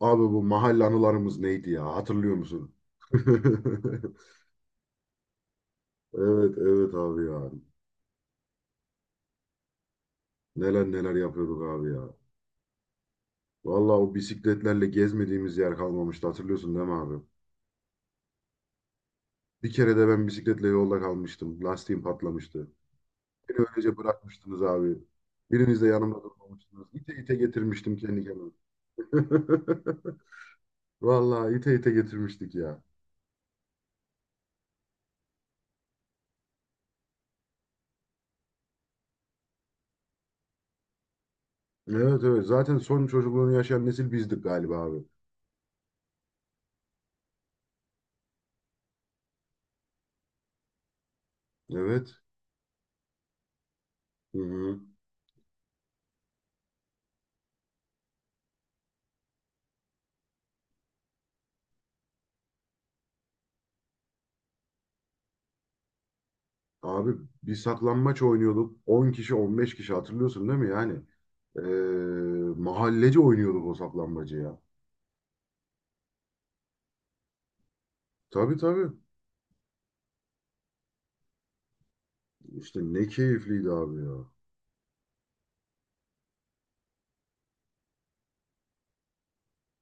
Abi bu mahalle anılarımız neydi ya? Hatırlıyor musun? Evet evet abi ya. Neler neler yapıyorduk abi ya. Vallahi o bisikletlerle gezmediğimiz yer kalmamıştı. Hatırlıyorsun değil mi abi? Bir kere de ben bisikletle yolda kalmıştım. Lastiğim patlamıştı. Beni öylece bırakmıştınız abi. Biriniz de yanımda durmamıştınız. İte ite getirmiştim kendi kendime. Vallahi ite ite getirmiştik ya. Evet evet. Zaten son çocukluğunu yaşayan nesil bizdik galiba abi. Evet. Hı hı. Abi bir saklanmaç oynuyorduk. 10 kişi 15 kişi hatırlıyorsun değil mi yani? Mahallece oynuyorduk o saklambacı ya. Tabii tabii. İşte ne keyifliydi abi ya.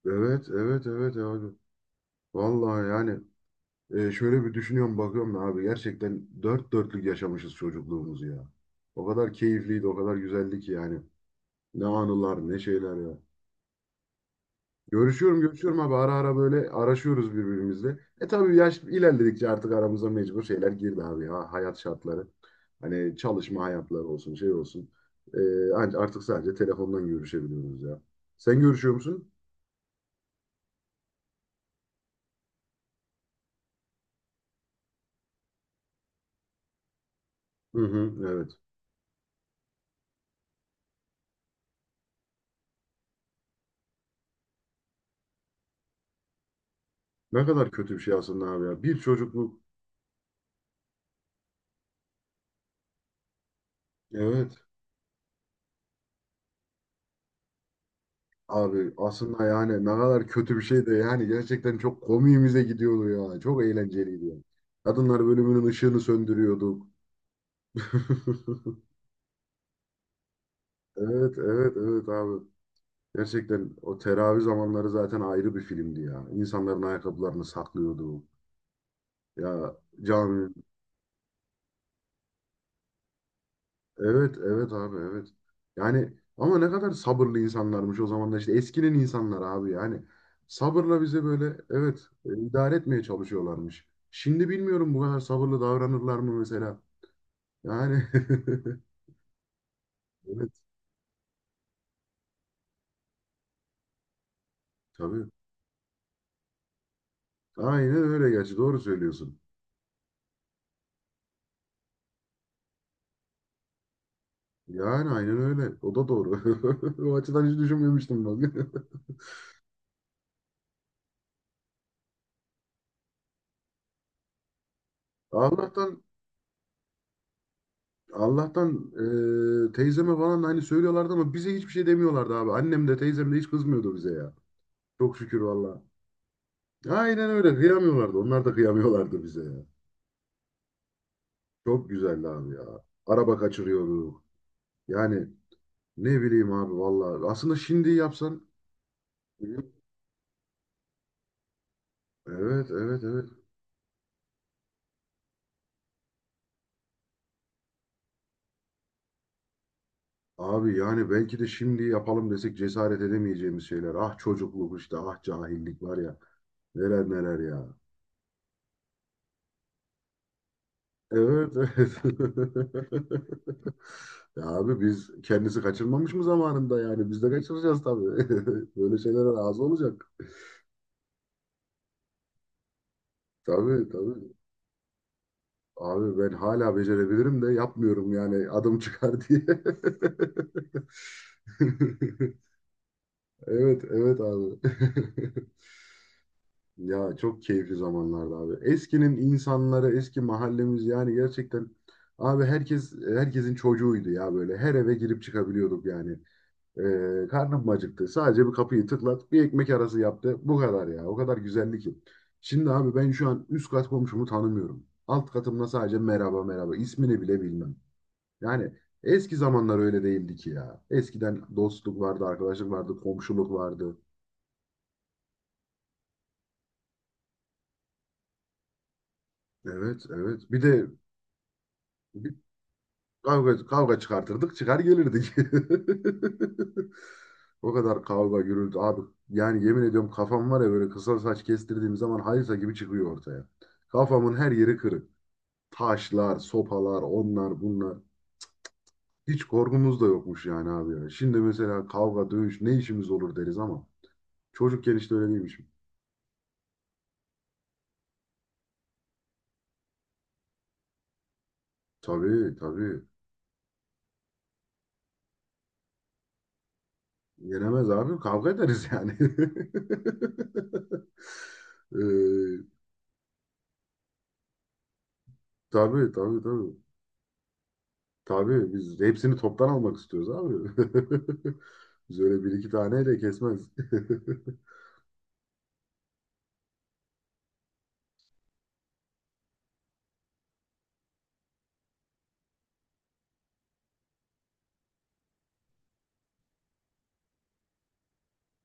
Evet evet evet abi. Vallahi yani şöyle bir düşünüyorum bakıyorum da abi gerçekten dört dörtlük yaşamışız çocukluğumuzu ya. O kadar keyifliydi o kadar güzeldi ki yani. Ne anılar ne şeyler ya. Görüşüyorum görüşüyorum abi ara ara böyle araşıyoruz birbirimizle. E tabii yaş ilerledikçe artık aramıza mecbur şeyler girdi abi ya hayat şartları. Hani çalışma hayatları olsun şey olsun. E, artık sadece telefondan görüşebiliyoruz ya. Sen görüşüyor musun? Hı hı, evet. Ne kadar kötü bir şey aslında abi ya. Bir çocukluk. Evet. Abi aslında yani ne kadar kötü bir şey de yani gerçekten çok komiğimize gidiyordu ya. Çok eğlenceliydi ya. Kadınlar bölümünün ışığını söndürüyorduk. Evet, evet, evet abi. Gerçekten o teravih zamanları zaten ayrı bir filmdi ya. İnsanların ayakkabılarını saklıyordu. Ya cami. Evet, evet abi, evet. Yani ama ne kadar sabırlı insanlarmış o zamanlar işte eskinin insanlar abi yani. Sabırla bize böyle evet idare etmeye çalışıyorlarmış. Şimdi bilmiyorum bu kadar sabırlı davranırlar mı mesela. Yani evet tabii. Aynen öyle gerçi doğru söylüyorsun. Yani aynen öyle. O da doğru. O açıdan hiç düşünmemiştim bak. Allah'tan Allah'tan teyzeme falan da hani söylüyorlardı ama bize hiçbir şey demiyorlardı abi. Annem de teyzem de hiç kızmıyordu bize ya. Çok şükür valla. Aynen öyle. Kıyamıyorlardı. Onlar da kıyamıyorlardı bize ya. Çok güzeldi abi ya. Araba kaçırıyorduk. Yani ne bileyim abi valla. Aslında şimdi yapsan. Evet evet evet evet. Abi yani belki de şimdi yapalım desek cesaret edemeyeceğimiz şeyler. Ah çocukluk işte, ah cahillik var ya. Neler neler ya. Evet, evet. Ya abi biz kendisi kaçırmamış mı zamanında yani? Biz de kaçıracağız tabii. Böyle şeylere razı olacak. Tabii tabii. Abi ben hala becerebilirim de yapmıyorum yani adım çıkar diye. Evet, evet abi. Ya çok keyifli zamanlardı abi. Eskinin insanları, eski mahallemiz yani gerçekten abi herkes herkesin çocuğuydu ya böyle. Her eve girip çıkabiliyorduk yani. Karnım acıktı. Sadece bir kapıyı tıklat, bir ekmek arası yaptı. Bu kadar ya. O kadar güzeldi ki. Şimdi abi ben şu an üst kat komşumu tanımıyorum. Alt katımda sadece merhaba merhaba. İsmini bile bilmem. Yani eski zamanlar öyle değildi ki ya. Eskiden dostluk vardı, arkadaşlık vardı, komşuluk vardı. Evet, evet. Bir de kavga, kavga çıkartırdık, çıkar gelirdik. O kadar kavga gürültü abi. Yani yemin ediyorum kafam var ya böyle kısa saç kestirdiğim zaman hayırsa gibi çıkıyor ortaya. Kafamın her yeri kırık. Taşlar, sopalar, onlar bunlar. Hiç korkumuz da yokmuş yani abi ya. Şimdi mesela kavga, dövüş ne işimiz olur deriz ama çocukken işte öyle değilmiş. Tabii tabii. Yenemez abi kavga ederiz yani. Ee, tabii tabii tabii. Tabii biz hepsini toptan almak istiyoruz abi. Biz öyle bir iki taneyle kesmez.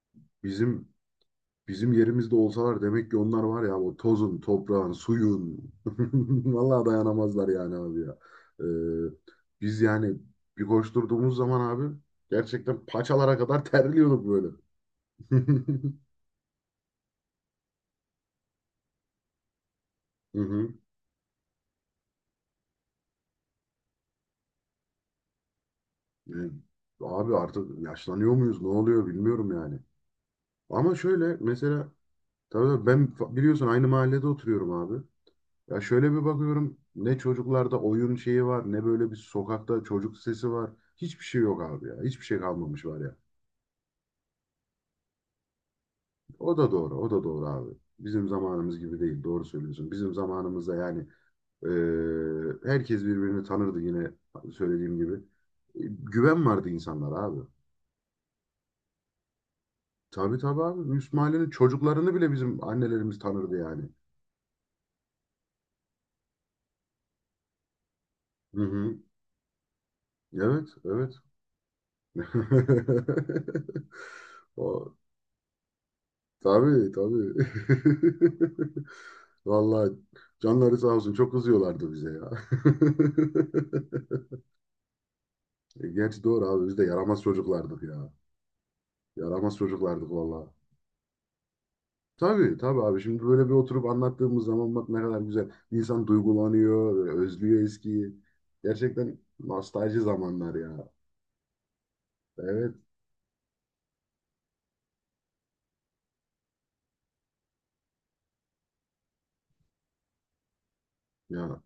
Bizim bizim yerimizde olsalar demek ki onlar var ya o tozun, toprağın, suyun. Vallahi dayanamazlar yani abi ya. Ee, biz yani bir koşturduğumuz zaman abi gerçekten paçalara kadar terliyorduk böyle. Hı hı. Yani abi artık yaşlanıyor muyuz? Ne oluyor bilmiyorum yani. Ama şöyle mesela tabii tabii ben biliyorsun aynı mahallede oturuyorum abi. Ya şöyle bir bakıyorum ne çocuklarda oyun şeyi var ne böyle bir sokakta çocuk sesi var. Hiçbir şey yok abi ya. Hiçbir şey kalmamış var ya. O da doğru, o da doğru abi. Bizim zamanımız gibi değil, doğru söylüyorsun. Bizim zamanımızda yani herkes birbirini tanırdı yine söylediğim gibi. Güven vardı insanlara abi. Tabii tabii abi. Üst çocuklarını bile bizim annelerimiz tanırdı yani. Hı hı. Evet, evet. O, tabii tabii. Vallahi canları sağ olsun çok kızıyorlardı bize ya. Gerçi doğru abi biz de yaramaz çocuklardık ya. Yaramaz çocuklardık vallahi. Tabii tabii abi şimdi böyle bir oturup anlattığımız zaman bak ne kadar güzel. İnsan duygulanıyor, böyle özlüyor eskiyi. Gerçekten nostalji zamanlar ya. Evet ya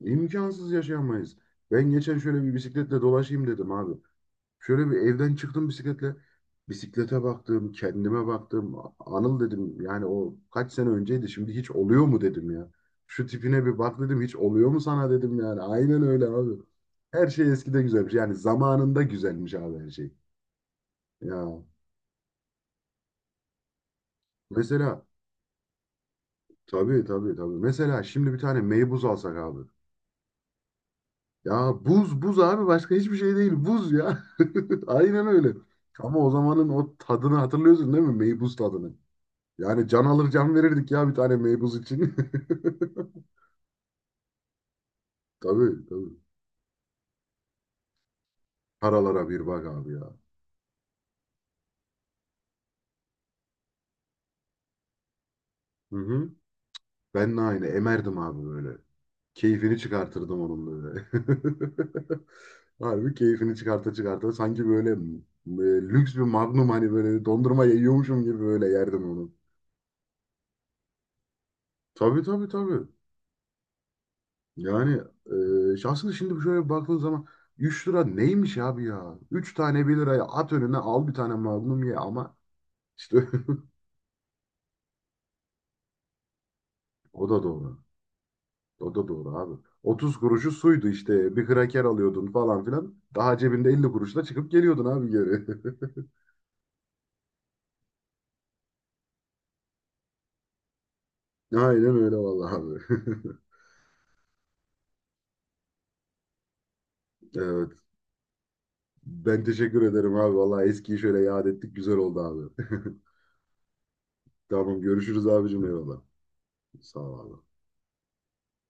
imkansız yaşayamayız. Ben geçen şöyle bir bisikletle dolaşayım dedim abi. Şöyle bir evden çıktım bisikletle. Bisiklete baktım, kendime baktım. Anıl dedim yani o kaç sene önceydi şimdi hiç oluyor mu dedim ya. Şu tipine bir bak dedim hiç oluyor mu sana dedim yani. Aynen öyle abi. Her şey eskide güzelmiş. Yani zamanında güzelmiş abi her şey. Ya mesela tabii tabii tabii. Mesela şimdi bir tane meybuz alsak abi. Ya buz buz abi başka hiçbir şey değil buz ya. Aynen öyle. Ama o zamanın o tadını hatırlıyorsun değil mi? Meybuz tadını. Yani can alır can verirdik ya bir tane meybuz için. Tabii tabii. Paralara bir bak abi ya. Hı hı. Ben de aynı emerdim abi böyle. Keyfini çıkartırdım onun böyle. Harbi keyfini çıkarta çıkarta sanki böyle lüks bir magnum hani böyle dondurma yiyormuşum gibi böyle yerdim onu. Tabii tabii tabii. Yani şahsen şimdi şöyle baktığın zaman 3 lira neymiş abi ya? 3 tane 1 liraya at önüne al bir tane magnum ye ama işte o da doğru. O da doğru abi. 30 kuruşu suydu işte. Bir kraker alıyordun falan filan. Daha cebinde 50 kuruşla çıkıp geliyordun abi geri. Aynen öyle vallahi abi. Evet. Ben teşekkür ederim abi. Vallahi eskiyi şöyle yad ettik. Güzel oldu abi. Tamam görüşürüz abicim eyvallah. Sağ ol abi.